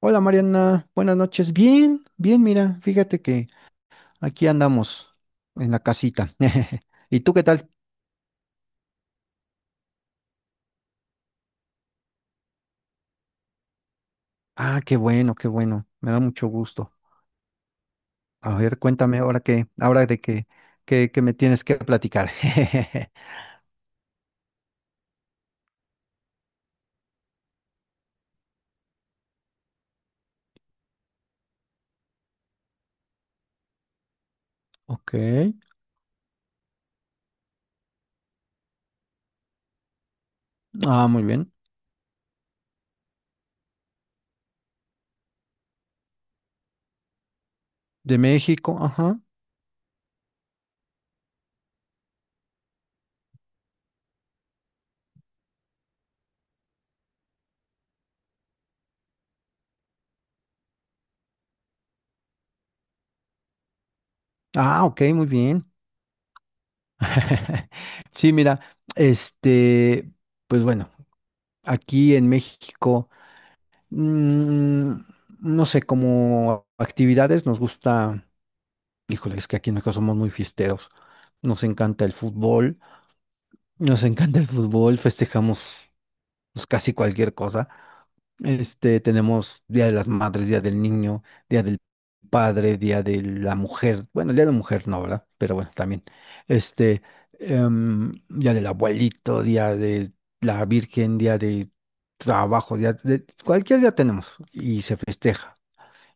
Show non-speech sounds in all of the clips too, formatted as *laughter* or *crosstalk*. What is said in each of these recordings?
Hola Mariana, buenas noches. Bien, bien, mira, fíjate que aquí andamos en la casita. *laughs* ¿Y tú qué tal? Ah, qué bueno, qué bueno. Me da mucho gusto. A ver, cuéntame ahora qué, ahora de qué, qué me tienes que platicar. *laughs* Ok. Ah, muy bien. De México, ajá. Ah, ok, muy bien. *laughs* Sí, mira, este, pues bueno, aquí en México, mm, no sé, como actividades nos gusta. Híjole, es que aquí en casa somos muy fiesteros. Nos encanta el fútbol, nos encanta el fútbol, festejamos pues, casi cualquier cosa. Este, tenemos Día de las Madres, Día del Niño, Día del Padre, Día de la Mujer. Bueno, Día de la Mujer no, ¿verdad? Pero bueno, también. Este, Día del Abuelito, Día de la Virgen, Día de Trabajo, Día de cualquier día tenemos y se festeja.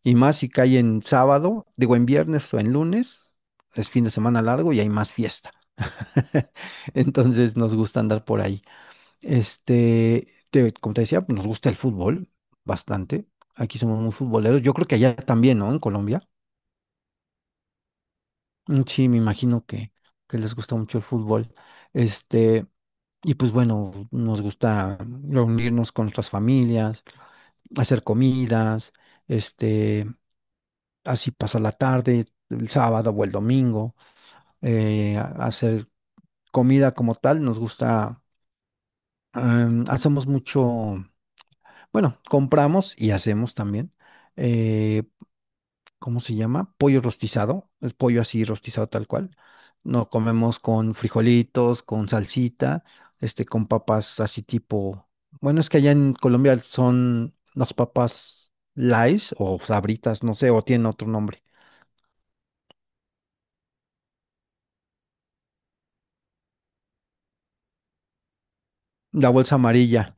Y más si cae en sábado, digo en viernes o en lunes, es fin de semana largo y hay más fiesta. *laughs* Entonces nos gusta andar por ahí. Este, como te decía, pues, nos gusta el fútbol bastante. Aquí somos muy futboleros. Yo creo que allá también, ¿no? En Colombia. Mm, sí, me imagino que les gusta mucho el fútbol. Este, y pues bueno, nos gusta reunirnos con nuestras familias, hacer comidas, este. Así pasa la tarde, el sábado o el domingo, hacer comida como tal, nos gusta, hacemos mucho, bueno, compramos y hacemos también, eh, ¿cómo se llama? Pollo rostizado, es pollo así rostizado tal cual, no comemos con frijolitos, con salsita, este, con papas así tipo, bueno, es que allá en Colombia son las papas Lays o Sabritas, no sé, o tienen otro nombre. La bolsa amarilla.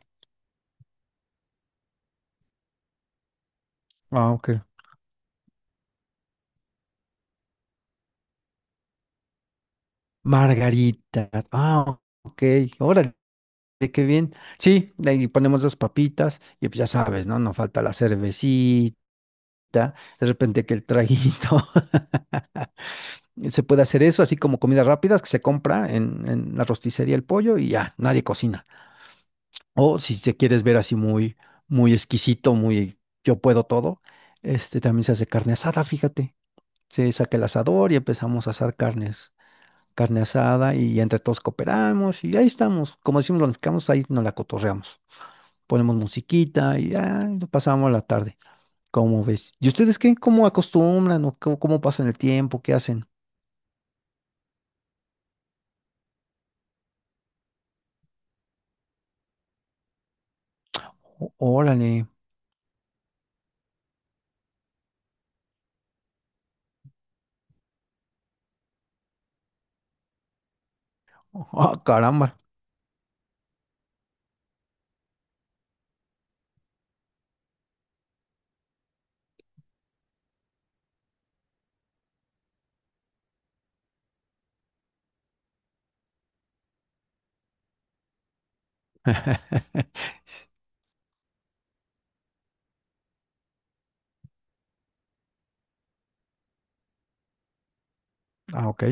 Ah, ok. Margarita. Ah, ok. Órale, qué bien. Sí, de ahí ponemos dos papitas y pues ya sabes, ¿no? No falta la cervecita, de repente que el traguito. *laughs* Se puede hacer eso, así como comidas rápidas que se compra en la rosticería el pollo y ya, nadie cocina. O si te quieres ver así muy, muy exquisito, muy yo puedo todo, este también se hace carne asada, fíjate. Se saca el asador y empezamos a asar carnes. Carne asada y entre todos cooperamos y ahí estamos. Como decimos los mexicanos, ahí nos la cotorreamos. Ponemos musiquita y ya pasamos la tarde. ¿Cómo ves? ¿Y ustedes qué? ¿Cómo acostumbran o cómo, cómo pasan el tiempo? ¿Qué hacen? Órale. Ah, caramba. *laughs* Ah, ok.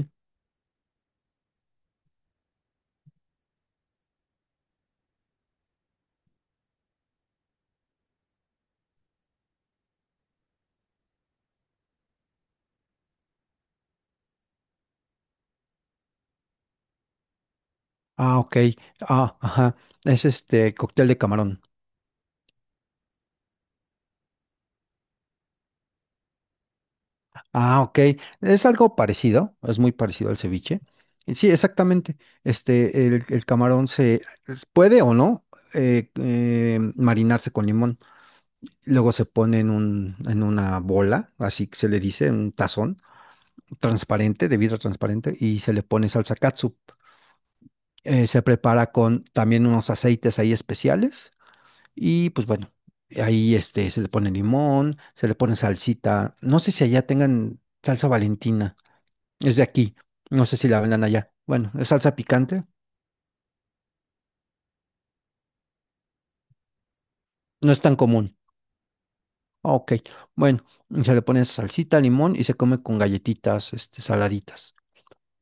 Ah, ok. Ah, ajá. Es este cóctel de camarón. Ah, ok. Es algo parecido, es muy parecido al ceviche. Y sí, exactamente. Este, el, el camarón puede o no marinarse con limón. Luego se pone en un, en una bola, así que se le dice, un tazón transparente, de vidrio transparente, y se le pone salsa catsup. Se prepara con también unos aceites ahí especiales. Y pues bueno, ahí este, se le pone limón, se le pone salsita. No sé si allá tengan salsa Valentina. Es de aquí. No sé si la vendan allá. Bueno, es salsa picante. No es tan común. Ah, ok. Bueno, y se le pone salsita, limón y se come con galletitas, este, saladitas.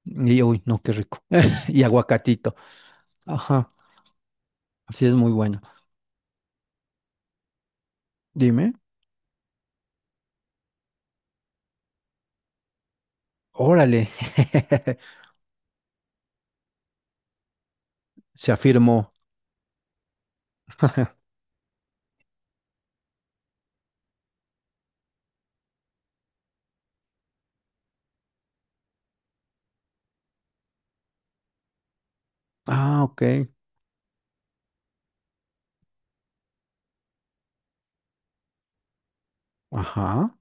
Y uy, no, qué rico. *laughs* Y aguacatito. Ajá. Así es muy bueno. Dime. Órale. *laughs* Se afirmó. *laughs* Ah, ok. Ajá.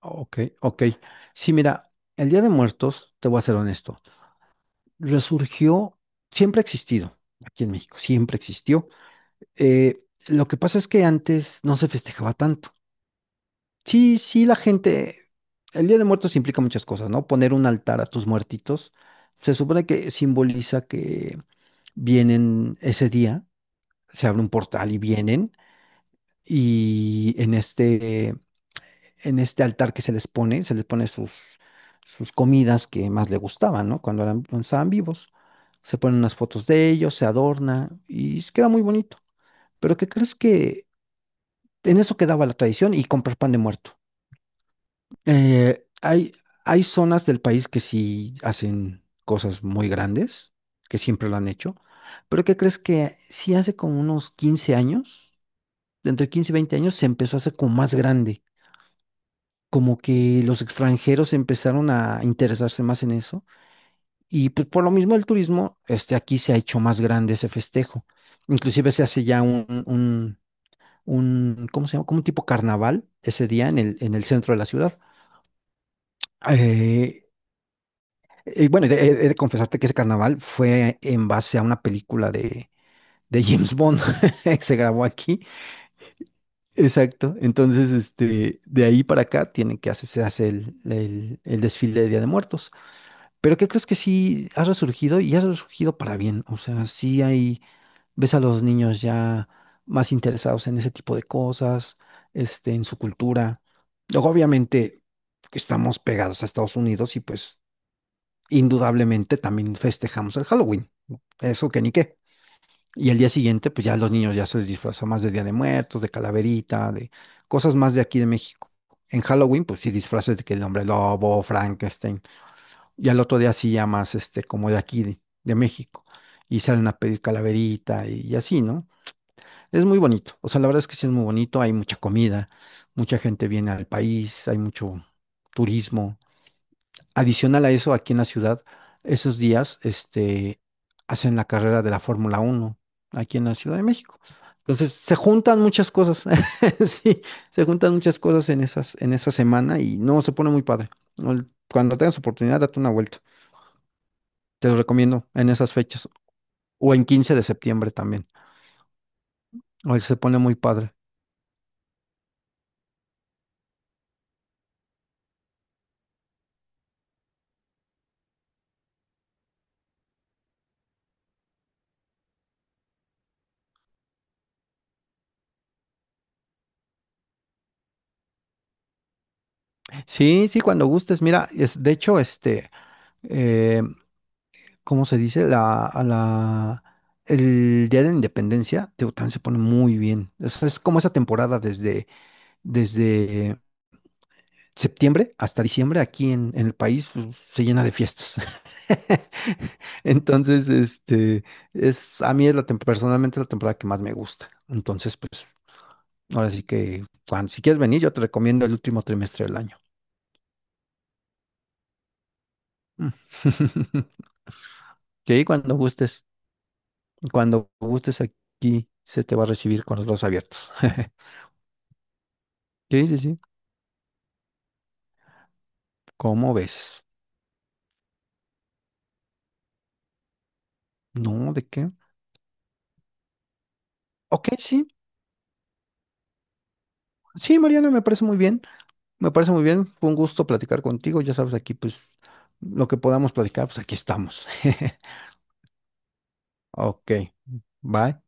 Ok, ok. Sí, mira, el Día de Muertos, te voy a ser honesto, resurgió, siempre ha existido aquí en México, siempre existió. Eh, lo que pasa es que antes no se festejaba tanto. Sí, sí, la gente, el Día de Muertos implica muchas cosas, ¿no? Poner un altar a tus muertitos, se supone que simboliza que vienen ese día, se abre un portal y vienen, y en este altar que se les pone sus, sus comidas que más le gustaban, ¿no? Cuando eran, cuando estaban vivos. Se ponen unas fotos de ellos, se adorna y queda muy bonito. Pero ¿qué crees que en eso quedaba la tradición y comprar pan de muerto? Eh, hay, hay zonas del país que sí hacen cosas muy grandes, que siempre lo han hecho, pero ¿qué crees que sí hace como unos 15 años, entre 15 y 20 años, se empezó a hacer como más grande? Como que los extranjeros empezaron a interesarse más en eso y pues por lo mismo el turismo, este, aquí se ha hecho más grande ese festejo. Inclusive se hace ya un, ¿cómo se llama? Como un tipo carnaval ese día en el centro de la ciudad. Eh, bueno, he de confesarte que ese carnaval fue en base a una película de James Bond *laughs* que se grabó aquí. Exacto. Entonces, este, de ahí para acá tienen que hacerse hace el, el desfile de Día de Muertos. Pero ¿qué crees que sí ha resurgido y ha resurgido para bien? O sea, sí hay, ves a los niños ya más interesados en ese tipo de cosas, este, en su cultura. Luego, obviamente, estamos pegados a Estados Unidos y pues indudablemente también festejamos el Halloween, ¿no? Eso que ni qué. Y el día siguiente, pues ya los niños ya se disfrazan más de Día de Muertos, de calaverita, de cosas más de aquí de México. En Halloween, pues sí disfraces de que el hombre lobo, Frankenstein. Y al otro día sí ya más, este, como de aquí de México. Y salen a pedir calaverita y así, ¿no? Es muy bonito. O sea, la verdad es que sí es muy bonito. Hay mucha comida, mucha gente viene al país, hay mucho turismo. Adicional a eso, aquí en la ciudad, esos días, este, hacen la carrera de la Fórmula 1 aquí en la Ciudad de México. Entonces, se juntan muchas cosas, *laughs* sí, se juntan muchas cosas en esas, en esa semana y no, se pone muy padre. No, cuando tengas oportunidad, date una vuelta. Te lo recomiendo en esas fechas o en 15 de septiembre también. Hoy se pone muy padre. Sí, sí, cuando gustes. Mira, es, de hecho, este, eh, ¿cómo se dice? La, a la, el Día de la Independencia, Tehuacán se pone muy bien. Es como esa temporada desde, desde septiembre hasta diciembre aquí en el país pues, se llena de fiestas. *laughs* Entonces, este, es, a mí es la, personalmente la temporada que más me gusta. Entonces, pues, ahora sí que, Juan, si quieres venir, yo te recomiendo el último trimestre del año. Mm. *laughs* Sí, cuando gustes aquí se te va a recibir con los brazos abiertos. *laughs* Sí, sí, sí. ¿Cómo ves? No, ¿de qué? Ok, sí. Sí, Mariana, me parece muy bien. Me parece muy bien. Fue un gusto platicar contigo. Ya sabes, aquí, pues, lo que podamos platicar, pues aquí estamos. *laughs* Ok. Bye.